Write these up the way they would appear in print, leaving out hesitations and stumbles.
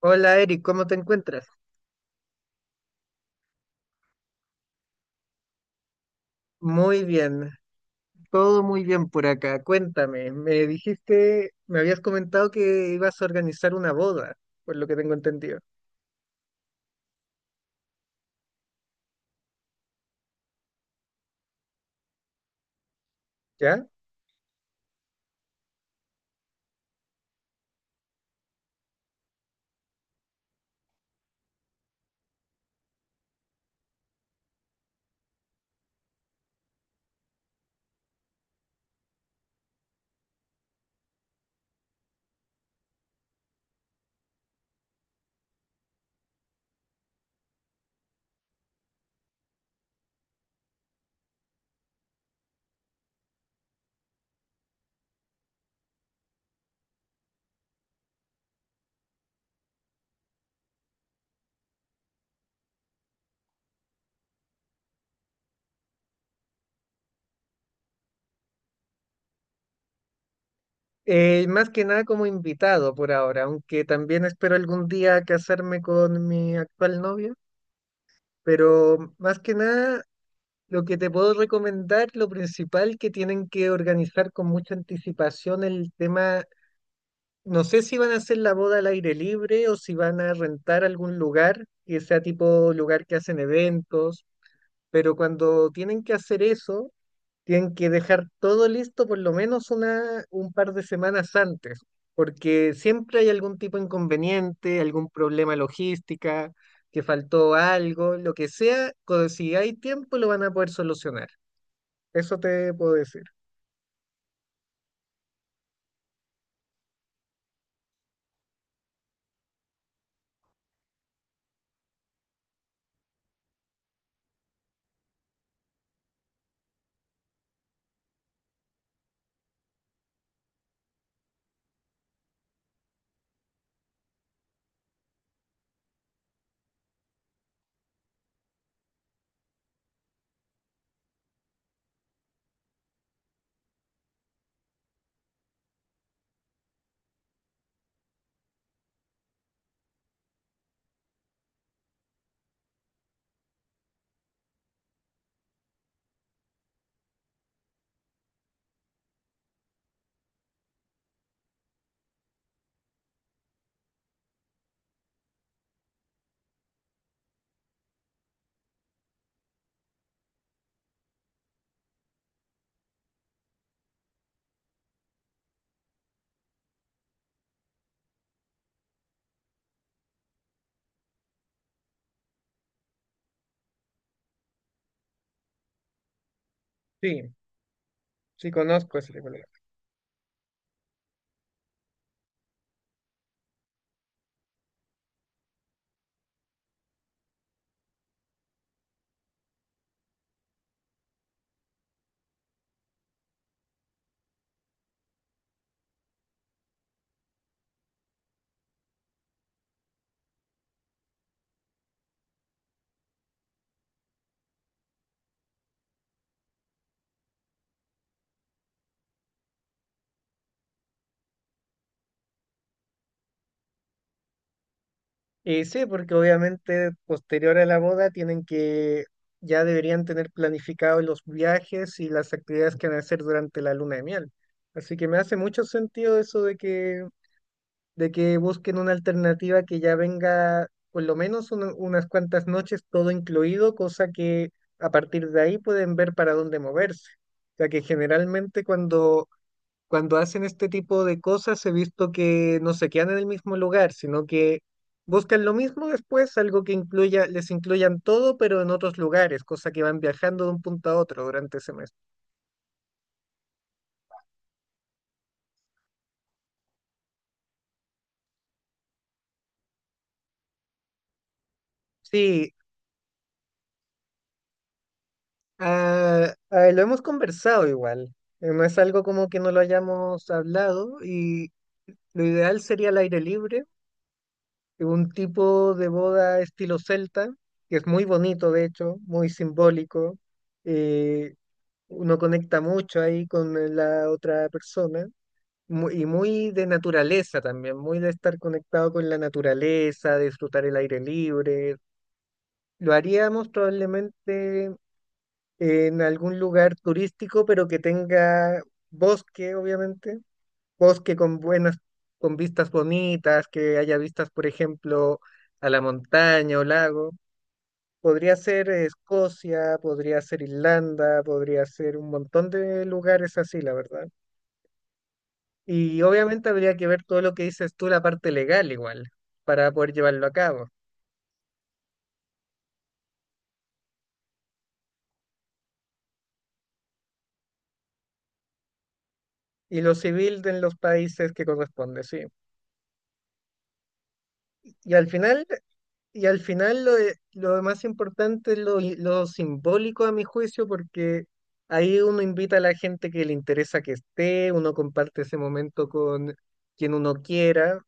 Hola Eric, ¿cómo te encuentras? Muy bien, todo muy bien por acá. Cuéntame, me habías comentado que ibas a organizar una boda, por lo que tengo entendido. ¿Ya? Más que nada como invitado por ahora, aunque también espero algún día casarme con mi actual novia, pero más que nada lo que te puedo recomendar, lo principal que tienen que organizar con mucha anticipación el tema. No sé si van a hacer la boda al aire libre o si van a rentar algún lugar que sea tipo lugar que hacen eventos, pero cuando tienen que hacer eso, tienen que dejar todo listo por lo menos un par de semanas antes, porque siempre hay algún tipo de inconveniente, algún problema logística, que faltó algo, lo que sea, si hay tiempo lo van a poder solucionar. Eso te puedo decir. Sí, sí conozco ese tipo. Sí, porque obviamente posterior a la boda tienen que, ya deberían tener planificados los viajes y las actividades que van a hacer durante la luna de miel. Así que me hace mucho sentido eso de que busquen una alternativa que ya venga por lo menos unas cuantas noches todo incluido, cosa que a partir de ahí pueden ver para dónde moverse. O sea que generalmente cuando hacen este tipo de cosas he visto que no se quedan en el mismo lugar, sino que buscan lo mismo después, algo que incluya, les incluyan todo, pero en otros lugares, cosa que van viajando de un punto a otro durante ese mes. Sí, lo hemos conversado igual. No es algo como que no lo hayamos hablado y lo ideal sería al aire libre, un tipo de boda estilo celta, que es muy bonito de hecho, muy simbólico. Eh, uno conecta mucho ahí con la otra persona y muy de naturaleza también, muy de estar conectado con la naturaleza, de disfrutar el aire libre. Lo haríamos probablemente en algún lugar turístico, pero que tenga bosque, obviamente, bosque con buenas, con vistas bonitas, que haya vistas, por ejemplo, a la montaña o lago. Podría ser Escocia, podría ser Irlanda, podría ser un montón de lugares así, la verdad. Y obviamente habría que ver todo lo que dices tú, la parte legal igual, para poder llevarlo a cabo. Y lo civil de en los países que corresponde, sí. Y al final, y al final lo más importante es lo simbólico a mi juicio, porque ahí uno invita a la gente que le interesa que esté, uno comparte ese momento con quien uno quiera.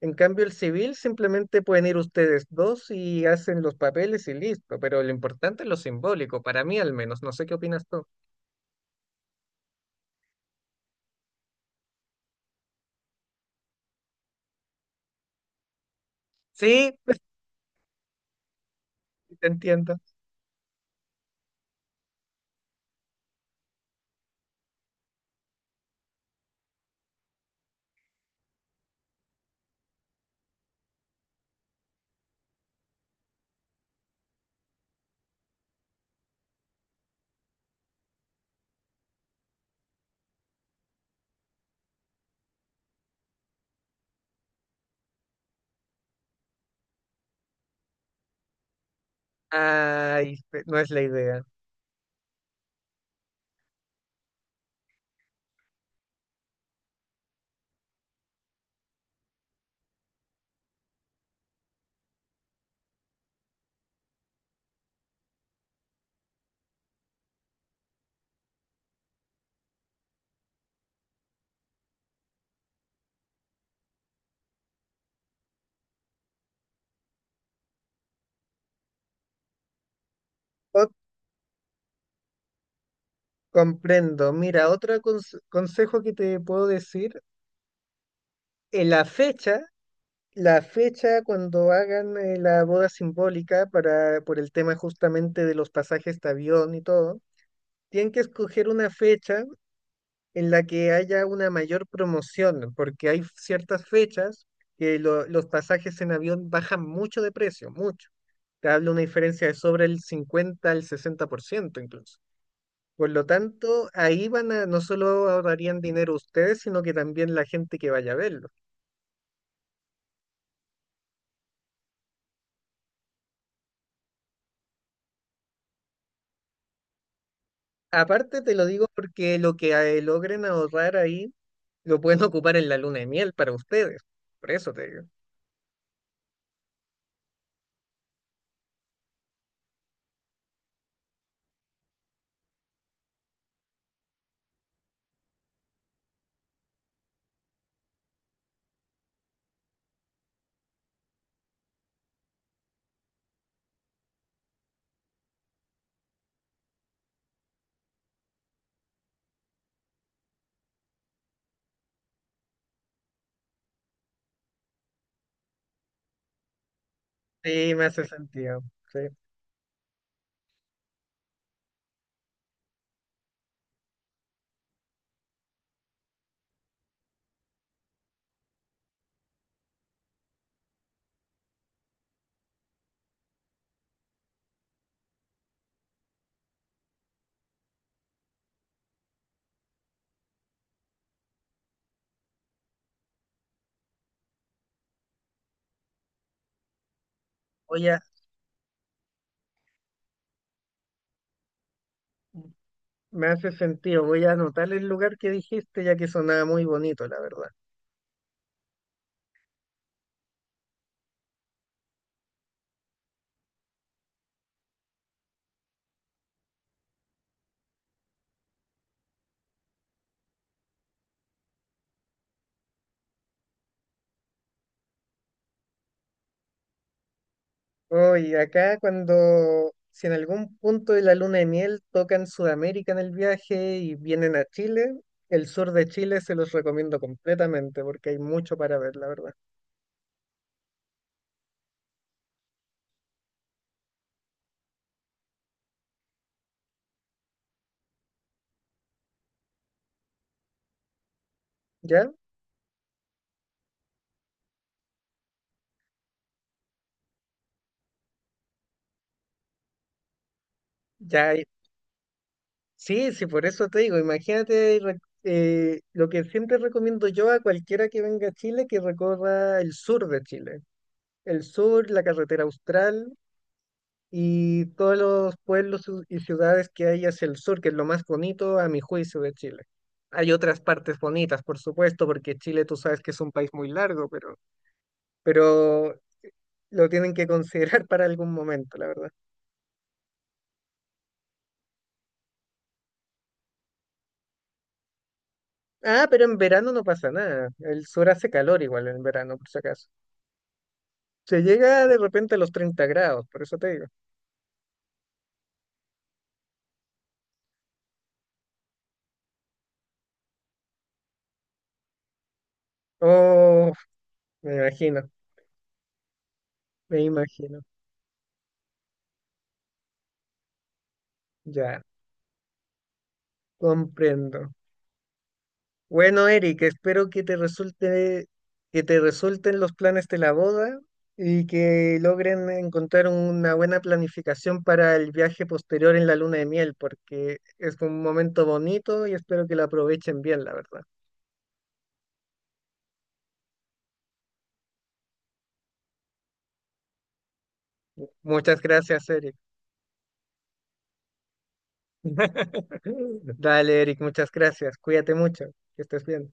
En cambio, el civil simplemente pueden ir ustedes dos y hacen los papeles y listo. Pero lo importante es lo simbólico, para mí al menos. No sé qué opinas tú. Sí, sí te entiendo. Ay, no es la idea. O- Comprendo. Mira, otro consejo que te puedo decir, eh, la fecha, la fecha cuando hagan la boda simbólica, para, por el tema justamente de los pasajes de avión y todo, tienen que escoger una fecha en la que haya una mayor promoción, porque hay ciertas fechas que los pasajes en avión bajan mucho de precio, mucho. Te hablo una diferencia de sobre el 50% al 60% incluso. Por lo tanto, ahí van a, no solo ahorrarían dinero ustedes, sino que también la gente que vaya a verlo. Aparte, te lo digo porque lo que logren ahorrar ahí lo pueden ocupar en la luna de miel para ustedes. Por eso te digo. Sí, me hace sentido. Sí. Voy a- Me hace sentido. Voy a anotar el lugar que dijiste, ya que sonaba muy bonito, la verdad. Hoy, acá cuando, si en algún punto de la luna de miel tocan Sudamérica en el viaje y vienen a Chile, el sur de Chile se los recomiendo completamente porque hay mucho para ver, la verdad. ¿Ya? Ya hay. Sí, sí, por eso te digo, imagínate lo que siempre recomiendo yo a cualquiera que venga a Chile, que recorra el sur de Chile. El sur, la carretera austral, y todos los pueblos y ciudades que hay hacia el sur, que es lo más bonito a mi juicio de Chile. Hay otras partes bonitas, por supuesto, porque Chile tú sabes que es un país muy largo, pero lo tienen que considerar para algún momento, la verdad. Ah, pero en verano no pasa nada. El sur hace calor igual en verano, por si acaso. Se llega de repente a los 30 grados, por eso te digo. Oh, me imagino, me imagino. Ya, comprendo. Bueno, Eric, espero que te resulte, que te resulten los planes de la boda y que logren encontrar una buena planificación para el viaje posterior en la luna de miel, porque es un momento bonito y espero que lo aprovechen bien, la verdad. Muchas gracias, Eric. Dale, Eric, muchas gracias. Cuídate mucho, que estés bien.